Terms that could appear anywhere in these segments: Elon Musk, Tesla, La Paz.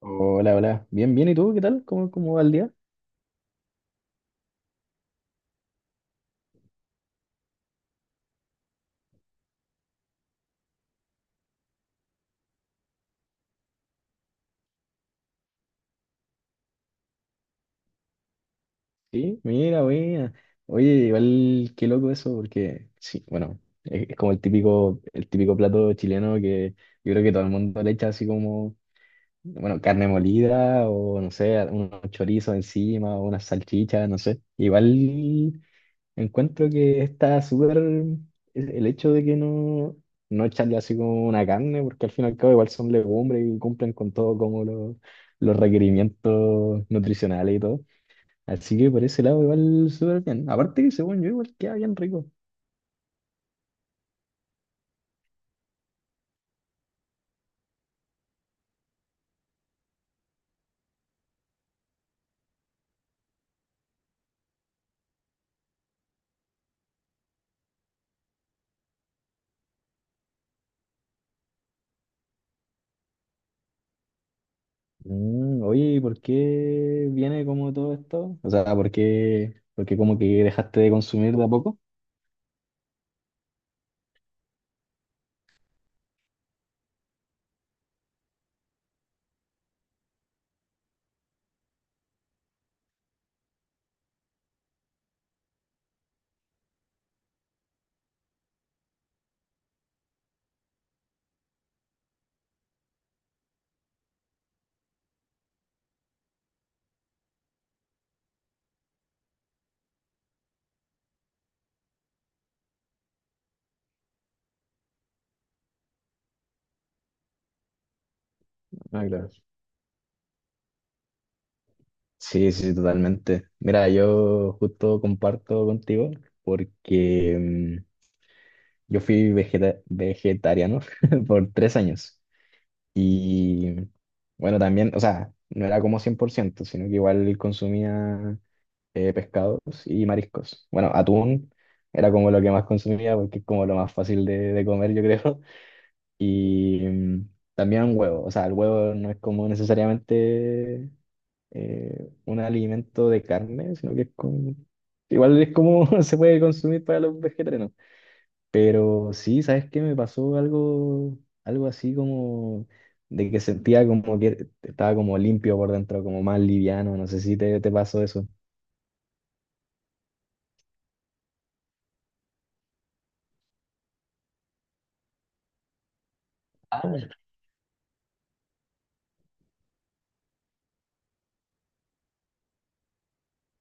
Hola, hola. Bien, bien. ¿Y tú qué tal? ¿Cómo va el día? Sí, mira, buena. Oye, igual qué loco eso, porque sí, bueno, es como el típico plato chileno que yo creo que todo el mundo le echa así como, bueno, carne molida o no sé, unos chorizos encima o unas salchichas, no sé. Igual encuentro que está súper el hecho de que no, no echarle así como una carne, porque al fin y al cabo igual son legumbres y cumplen con todo como los requerimientos nutricionales y todo. Así que por ese lado igual súper bien. Aparte que según yo igual queda bien rico. Oye, ¿y por qué viene como todo esto? O sea, ¿por qué como que dejaste de consumir de a poco? Ah, claro. Sí, sí, totalmente. Mira, yo justo comparto contigo porque yo fui vegetariano por 3 años. Y bueno, también, o sea, no era como 100% sino que igual consumía pescados y mariscos. Bueno, atún era como lo que más consumía porque es como lo más fácil de comer, yo creo. Y también huevo, o sea, el huevo no es como necesariamente un alimento de carne, sino que es como. Igual es como se puede consumir para los vegetarianos. Pero sí, ¿sabes qué? Me pasó algo así como de que sentía como que estaba como limpio por dentro, como más liviano. No sé si te pasó eso. Ah,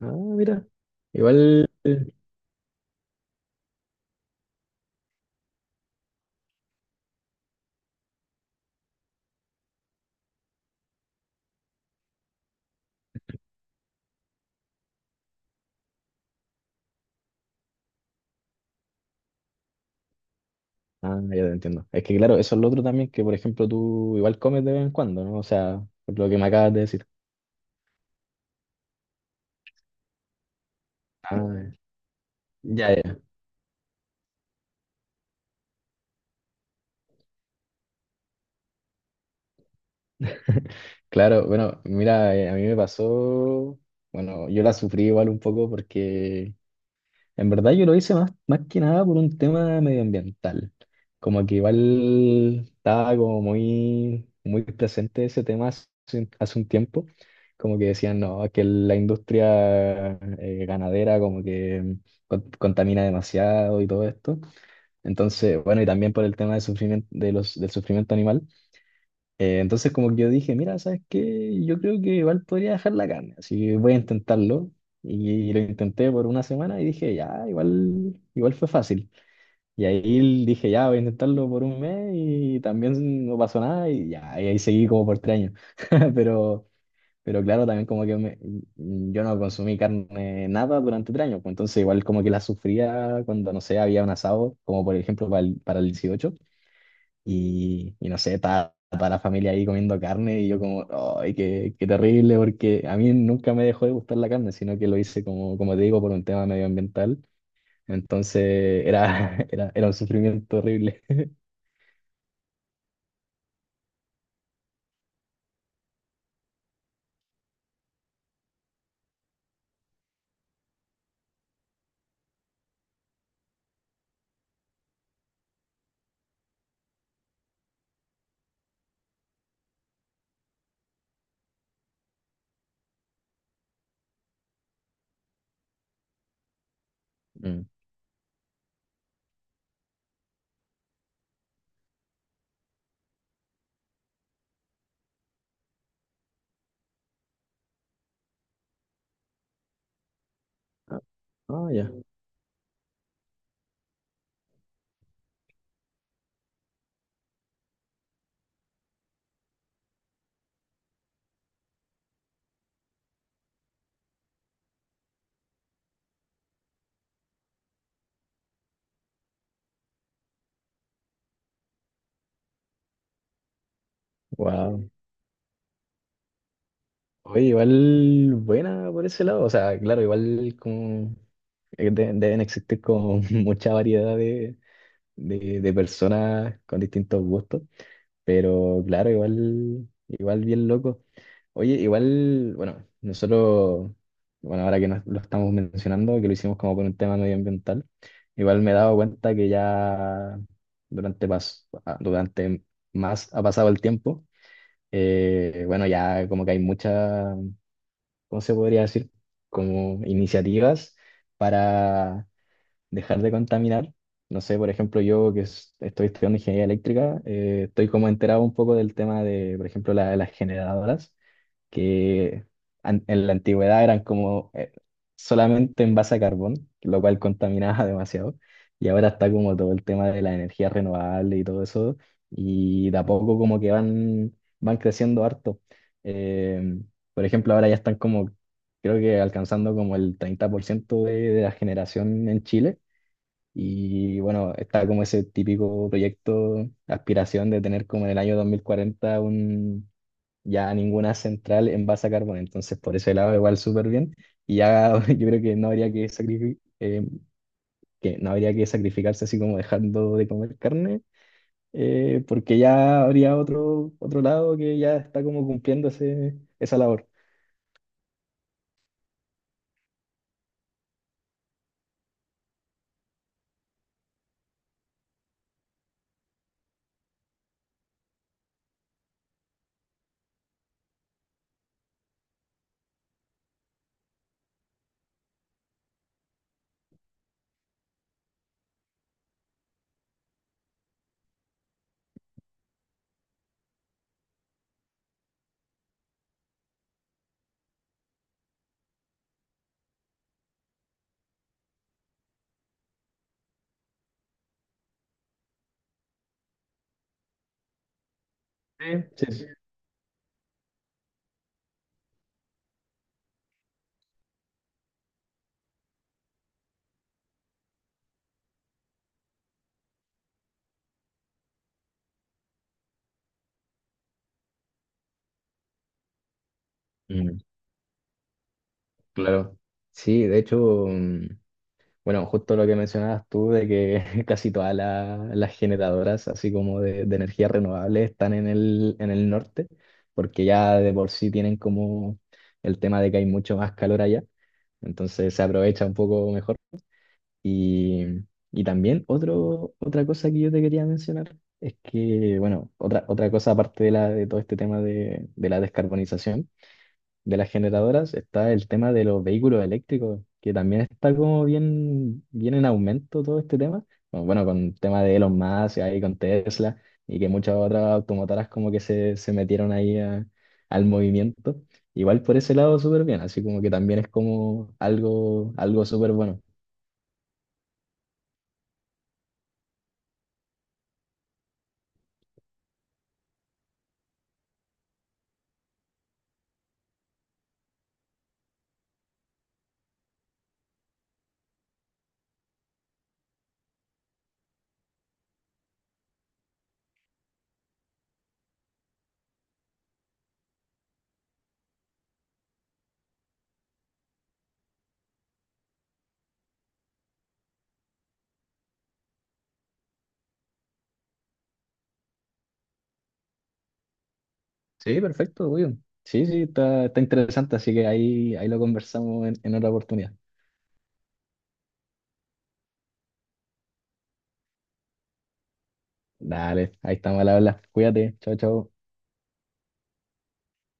ah, mira. Igual. Ah, ya te entiendo. Es que claro, eso es lo otro también, que por ejemplo tú igual comes de vez en cuando, ¿no? O sea, por lo que me acabas de decir. Ah, ya, ya. Claro, bueno, mira, a mí me pasó. Bueno, yo la sufrí igual un poco porque en verdad yo lo hice más que nada por un tema medioambiental. Como que igual estaba como muy, muy presente ese tema hace un tiempo. Como que decían, no, es que la industria ganadera como que contamina demasiado y todo esto. Entonces, bueno, y también por el tema de sufrimiento, de los, del sufrimiento animal. Entonces como que yo dije, mira, ¿sabes qué? Yo creo que igual podría dejar la carne, así que voy a intentarlo. Y lo intenté por una semana y dije, ya, igual, igual fue fácil. Y ahí dije, ya, voy a intentarlo por un mes y también no pasó nada y ya, y ahí seguí como por 3 años. Pero, pero claro, también como que yo no consumí carne nada durante 3 años, pues entonces igual como que la sufría cuando, no sé, había un asado, como por ejemplo para el 18 y no sé, estaba toda la familia ahí comiendo carne y yo como, ay, qué, qué terrible, porque a mí nunca me dejó de gustar la carne, sino que lo hice como, como te digo, por un tema medioambiental. Entonces era, era un sufrimiento horrible. Mm. Ah, ah, ya. Wow. Oye, igual buena por ese lado. O sea, claro, igual como deben existir como mucha variedad de personas con distintos gustos. Pero claro, igual bien loco. Oye, igual, bueno, nosotros, bueno, ahora que lo estamos mencionando, que lo hicimos como por un tema medioambiental, igual me he dado cuenta que ya durante más ha pasado el tiempo, bueno, ya como que hay muchas, ¿cómo se podría decir? Como iniciativas para dejar de contaminar. No sé, por ejemplo, yo que estoy estudiando ingeniería eléctrica, estoy como enterado un poco del tema de, por ejemplo, las generadoras que en la antigüedad eran como solamente en base a carbón, lo cual contaminaba demasiado, y ahora está como todo el tema de la energía renovable y todo eso, y de a poco como que van creciendo harto. Eh, por ejemplo, ahora ya están como, creo que alcanzando como el 30% de la generación en Chile. Y bueno, está como ese típico proyecto, aspiración de tener como en el año 2040 ya ninguna central envasa carbón, entonces por ese lado igual súper bien. Y ya yo creo que no habría que sacrifi- que no habría que sacrificarse así como dejando de comer carne, porque ya habría otro, otro lado que ya está como cumpliendo esa labor. Sí. Sí. Mm, claro. Sí, de hecho, bueno, justo lo que mencionabas tú de que casi todas las generadoras, así como de energía renovable, están en el norte, porque ya de por sí tienen como el tema de que hay mucho más calor allá, entonces se aprovecha un poco mejor. Y, y también otro, otra cosa que yo te quería mencionar es que, bueno, otra cosa aparte de todo este tema de la descarbonización de las generadoras está el tema de los vehículos eléctricos, que también está como bien, bien en aumento todo este tema. Bueno, bueno, con el tema de Elon Musk y ahí con Tesla y que muchas otras automotoras como que se metieron ahí al movimiento. Igual por ese lado súper bien, así como que también es como algo súper bueno. Sí, perfecto, muy bien. Sí, sí, está interesante, así que ahí lo conversamos en otra oportunidad. Dale, ahí estamos al habla. Cuídate, chao, chao.